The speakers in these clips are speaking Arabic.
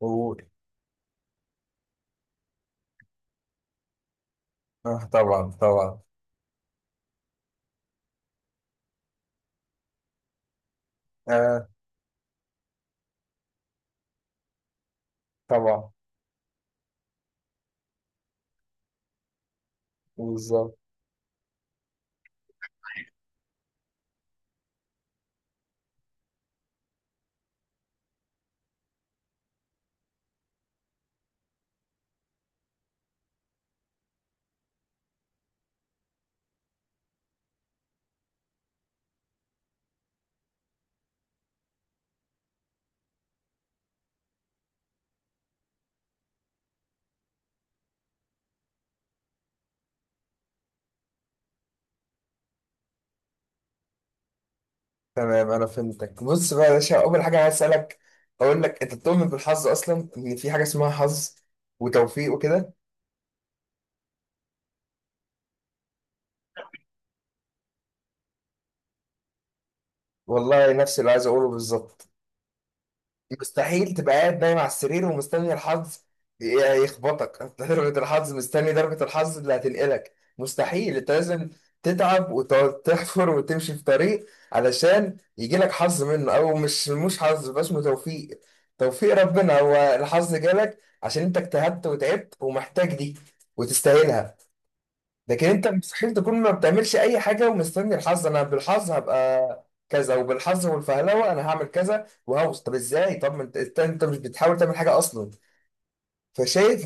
قول. آه طبعا طبعا. آه. طبعا بالظبط. تمام، انا فهمتك. بص بقى يا باشا، اول حاجه عايز اسالك، اقول لك انت بتؤمن بالحظ اصلا؟ ان في حاجه اسمها حظ وتوفيق وكده. والله نفس اللي عايز اقوله بالظبط. مستحيل تبقى قاعد نايم على السرير ومستني الحظ يخبطك ضربة الحظ، مستني ضربة الحظ اللي هتنقلك. مستحيل، انت لازم تتعب وتقعد تحفر وتمشي في طريق علشان يجيلك حظ منه، او مش حظ بس اسمه توفيق. توفيق ربنا هو الحظ جالك عشان انت اجتهدت وتعبت ومحتاج دي وتستاهلها. لكن انت مستحيل تكون ما بتعملش اي حاجه ومستني الحظ، انا بالحظ هبقى كذا وبالحظ والفهلوه انا هعمل كذا وهوصل. طب ازاي؟ طب ما انت انت مش بتحاول تعمل حاجه اصلا. فشايف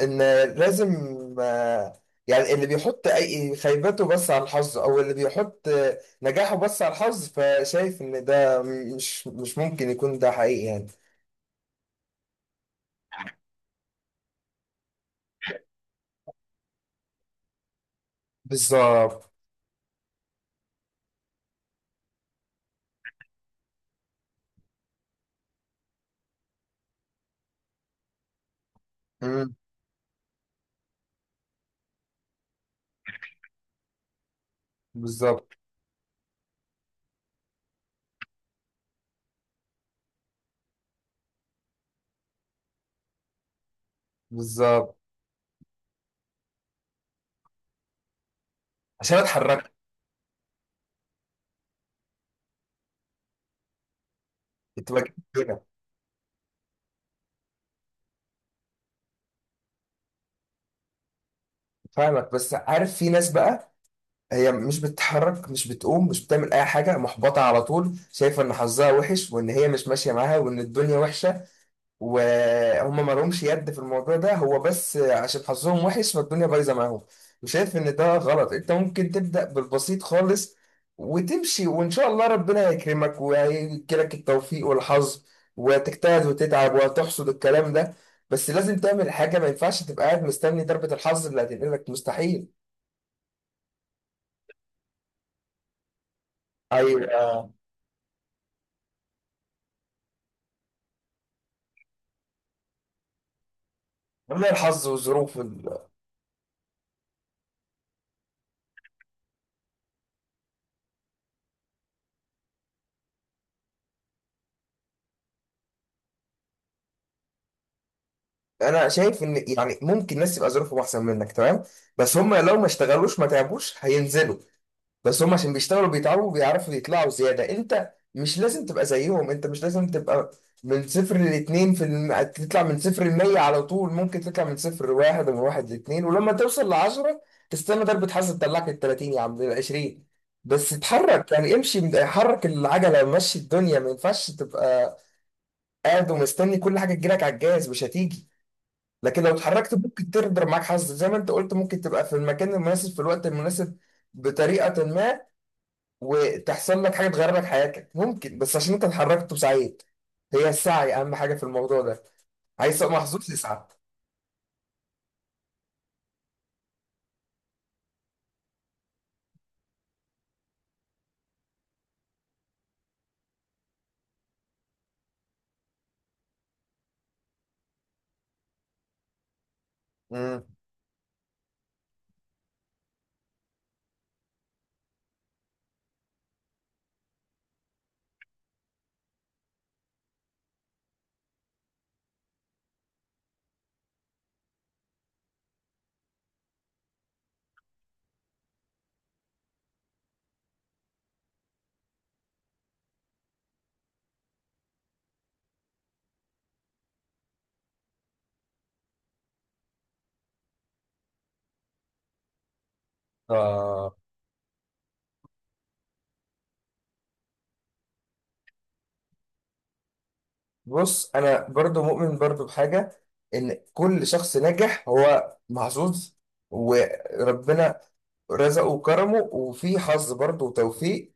ان لازم، يعني اللي بيحط اي خيبته بس على الحظ، او اللي بيحط نجاحه بس على الحظ، فشايف ان ده مش ممكن يكون ده حقيقي يعني. بالظبط. مم. بالظبط. بالظبط. عشان اتحركت. كنت بجيب كده. فاهمك، بس عارف في ناس بقى هي مش بتتحرك، مش بتقوم، مش بتعمل اي حاجه، محبطه على طول، شايفه ان حظها وحش وان هي مش ماشيه معاها وان الدنيا وحشه وهم ما لهمش يد في الموضوع ده، هو بس عشان حظهم وحش فالدنيا بايظه معاهم. وشايف ان ده غلط. انت ممكن تبدا بالبسيط خالص وتمشي، وان شاء الله ربنا هيكرمك وهيجيلك التوفيق والحظ، وتجتهد وتتعب وتحصد الكلام ده. بس لازم تعمل حاجه، ما ينفعش تبقى قاعد مستني ضربه الحظ اللي هتنقلك، مستحيل. هي- لولا الحظ والظروف ال... انا شايف ان يعني ممكن ناس تبقى ظروفهم احسن منك، تمام، بس هم لو ما اشتغلوش ما تعبوش هينزلوا. بس هم عشان بيشتغلوا بيتعبوا بيعرفوا يطلعوا زياده. انت مش لازم تبقى زيهم، انت مش لازم تبقى من صفر لاتنين في الم... تطلع من صفر لمية على طول، ممكن تطلع من صفر لواحد ومن واحد لاتنين، ولما توصل لعشرة تستنى ضربة حظ تطلعك التلاتين يا عم العشرين. بس اتحرك يعني، امشي، حرك العجلة، مشي الدنيا. ما ينفعش تبقى قاعد ومستني كل حاجه تجيلك على الجهاز، مش هتيجي. لكن لو اتحركت ممكن تقدر معاك حظ زي ما انت قلت، ممكن تبقى في المكان المناسب في الوقت المناسب، بطريقه ما، وتحصل لك حاجه تغير لك حياتك، ممكن، بس عشان انت اتحركت وسعيت. هي السعي اهم حاجه في الموضوع ده. عايز تبقى محظوظ، اسعى. امم. آه. بص، انا برضو مؤمن برضو بحاجه ان كل شخص ناجح هو محظوظ وربنا رزقه وكرمه وفي حظ برضه وتوفيق.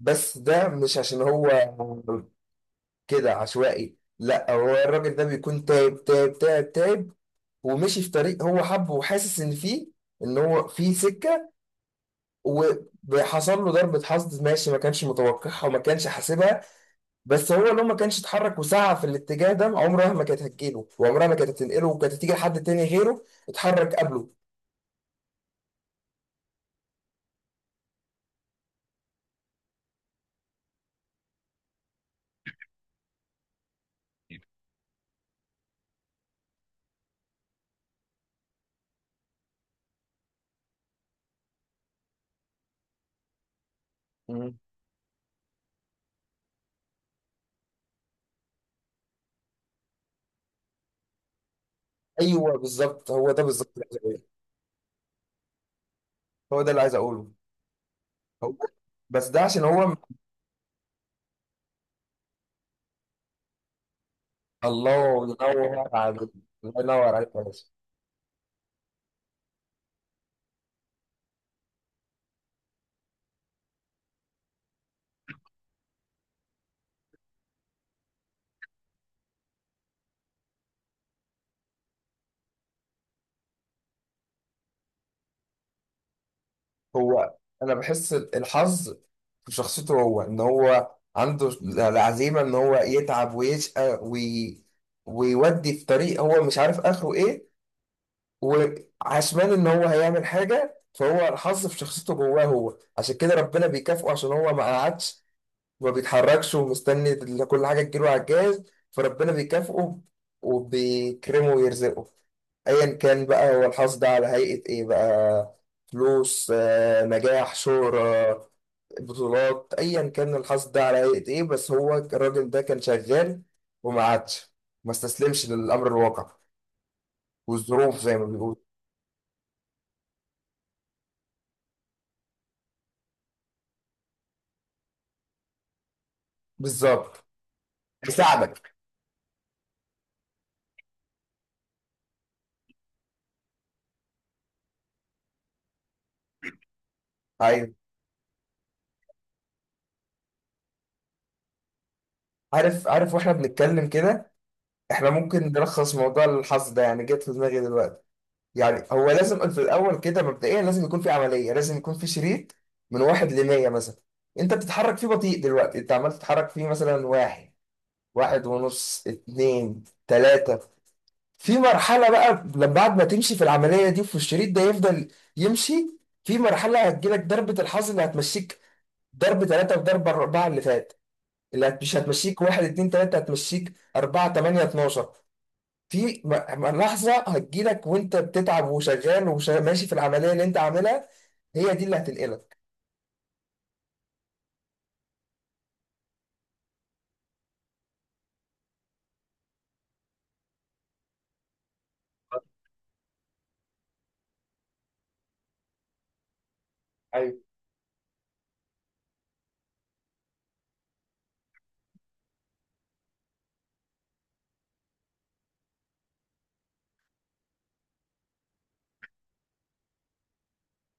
بس ده مش عشان هو كده عشوائي، لا، هو الراجل ده بيكون تايب ومشي في طريق هو حبه وحاسس ان فيه، ان هو فيه سكه، وحصل له ضربه حظ، ماشي، ما كانش متوقعها وما كانش حاسبها. بس هو لو ما كانش اتحرك وسعى في الاتجاه ده عمرها ما كانت هتجيله، وعمرها ما كانت هتنقله، وكانت هتيجي لحد تاني غيره اتحرك قبله. مم. ايوه بالظبط، هو ده بالظبط اللي عايز أقوله. هو ده اللي عايز اقوله، هو بس ده عشان هو. الله ينور عليك. الله ينور عليك يا باشا. هو انا بحس الحظ في شخصيته هو، ان هو عنده العزيمه ان هو يتعب ويشقى وي... ويودي في طريق هو مش عارف اخره ايه، وعشمان ان هو هيعمل حاجه. فهو الحظ في شخصيته جواه هو، عشان كده ربنا بيكافئه عشان هو ما قعدش وما بيتحركش ومستني كل حاجه تجيله على الجاهز. فربنا بيكافئه وبيكرمه ويرزقه، ايا كان بقى هو الحظ ده على هيئة ايه بقى: فلوس، نجاح، شهرة، بطولات، ايا كان الحظ ده على هيئة ايه، بس هو الراجل ده كان شغال وما عادش، ما استسلمش للامر الواقع والظروف زي ما بيقول. بالظبط. بيساعدك. ايوه. عارف، عارف. واحنا بنتكلم كده، احنا ممكن نلخص موضوع الحظ ده، يعني جت في دماغي دلوقتي. يعني هو لازم في الاول كده مبدئيا لازم يكون في عمليه، لازم يكون في شريط من واحد ل 100 مثلا، انت بتتحرك فيه بطيء، دلوقتي انت عمال تتحرك فيه مثلا واحد، واحد ونص، اتنين، تلاته. في مرحله بقى، لما بعد ما تمشي في العمليه دي في الشريط ده يفضل يمشي، في مرحله هتجيلك ضربه الحظ اللي هتمشيك ضرب تلاته وضرب اربعه اللي فات، مش هتمشيك واحد اتنين تلاته، هتمشيك اربعه تمانيه اتناشر. في م- لحظة هتجيلك وانت بتتعب وشغال وماشي في العملية اللي انت عاملها، هي دي اللي هتنقلك. ايوه.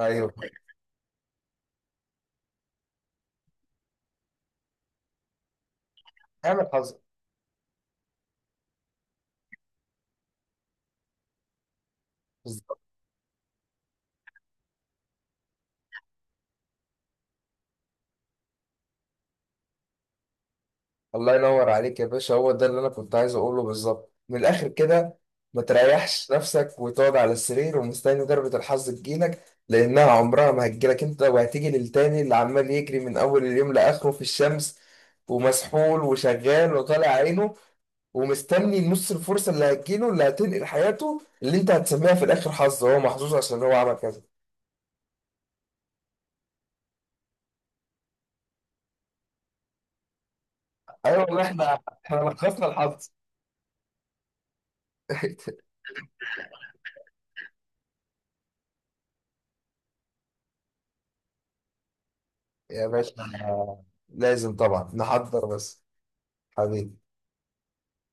ايوه، اعمل حظ. بالظبط. الله ينور عليك يا باشا، هو ده اللي انا كنت عايز اقوله بالظبط من الاخر كده. ما تريحش نفسك وتقعد على السرير ومستني ضربة الحظ تجيلك، لانها عمرها ما هتجيلك انت، وهتيجي للتاني اللي عمال يجري من اول اليوم لاخره في الشمس ومسحول وشغال وطالع عينه، ومستني نص الفرصه اللي هتجيله اللي هتنقل حياته، اللي انت هتسميها في الاخر حظ، هو محظوظ عشان هو عمل كذا. ايوه والله، احنا لخصنا الحظ. يا باشا لازم طبعا نحضر، بس حبيبي.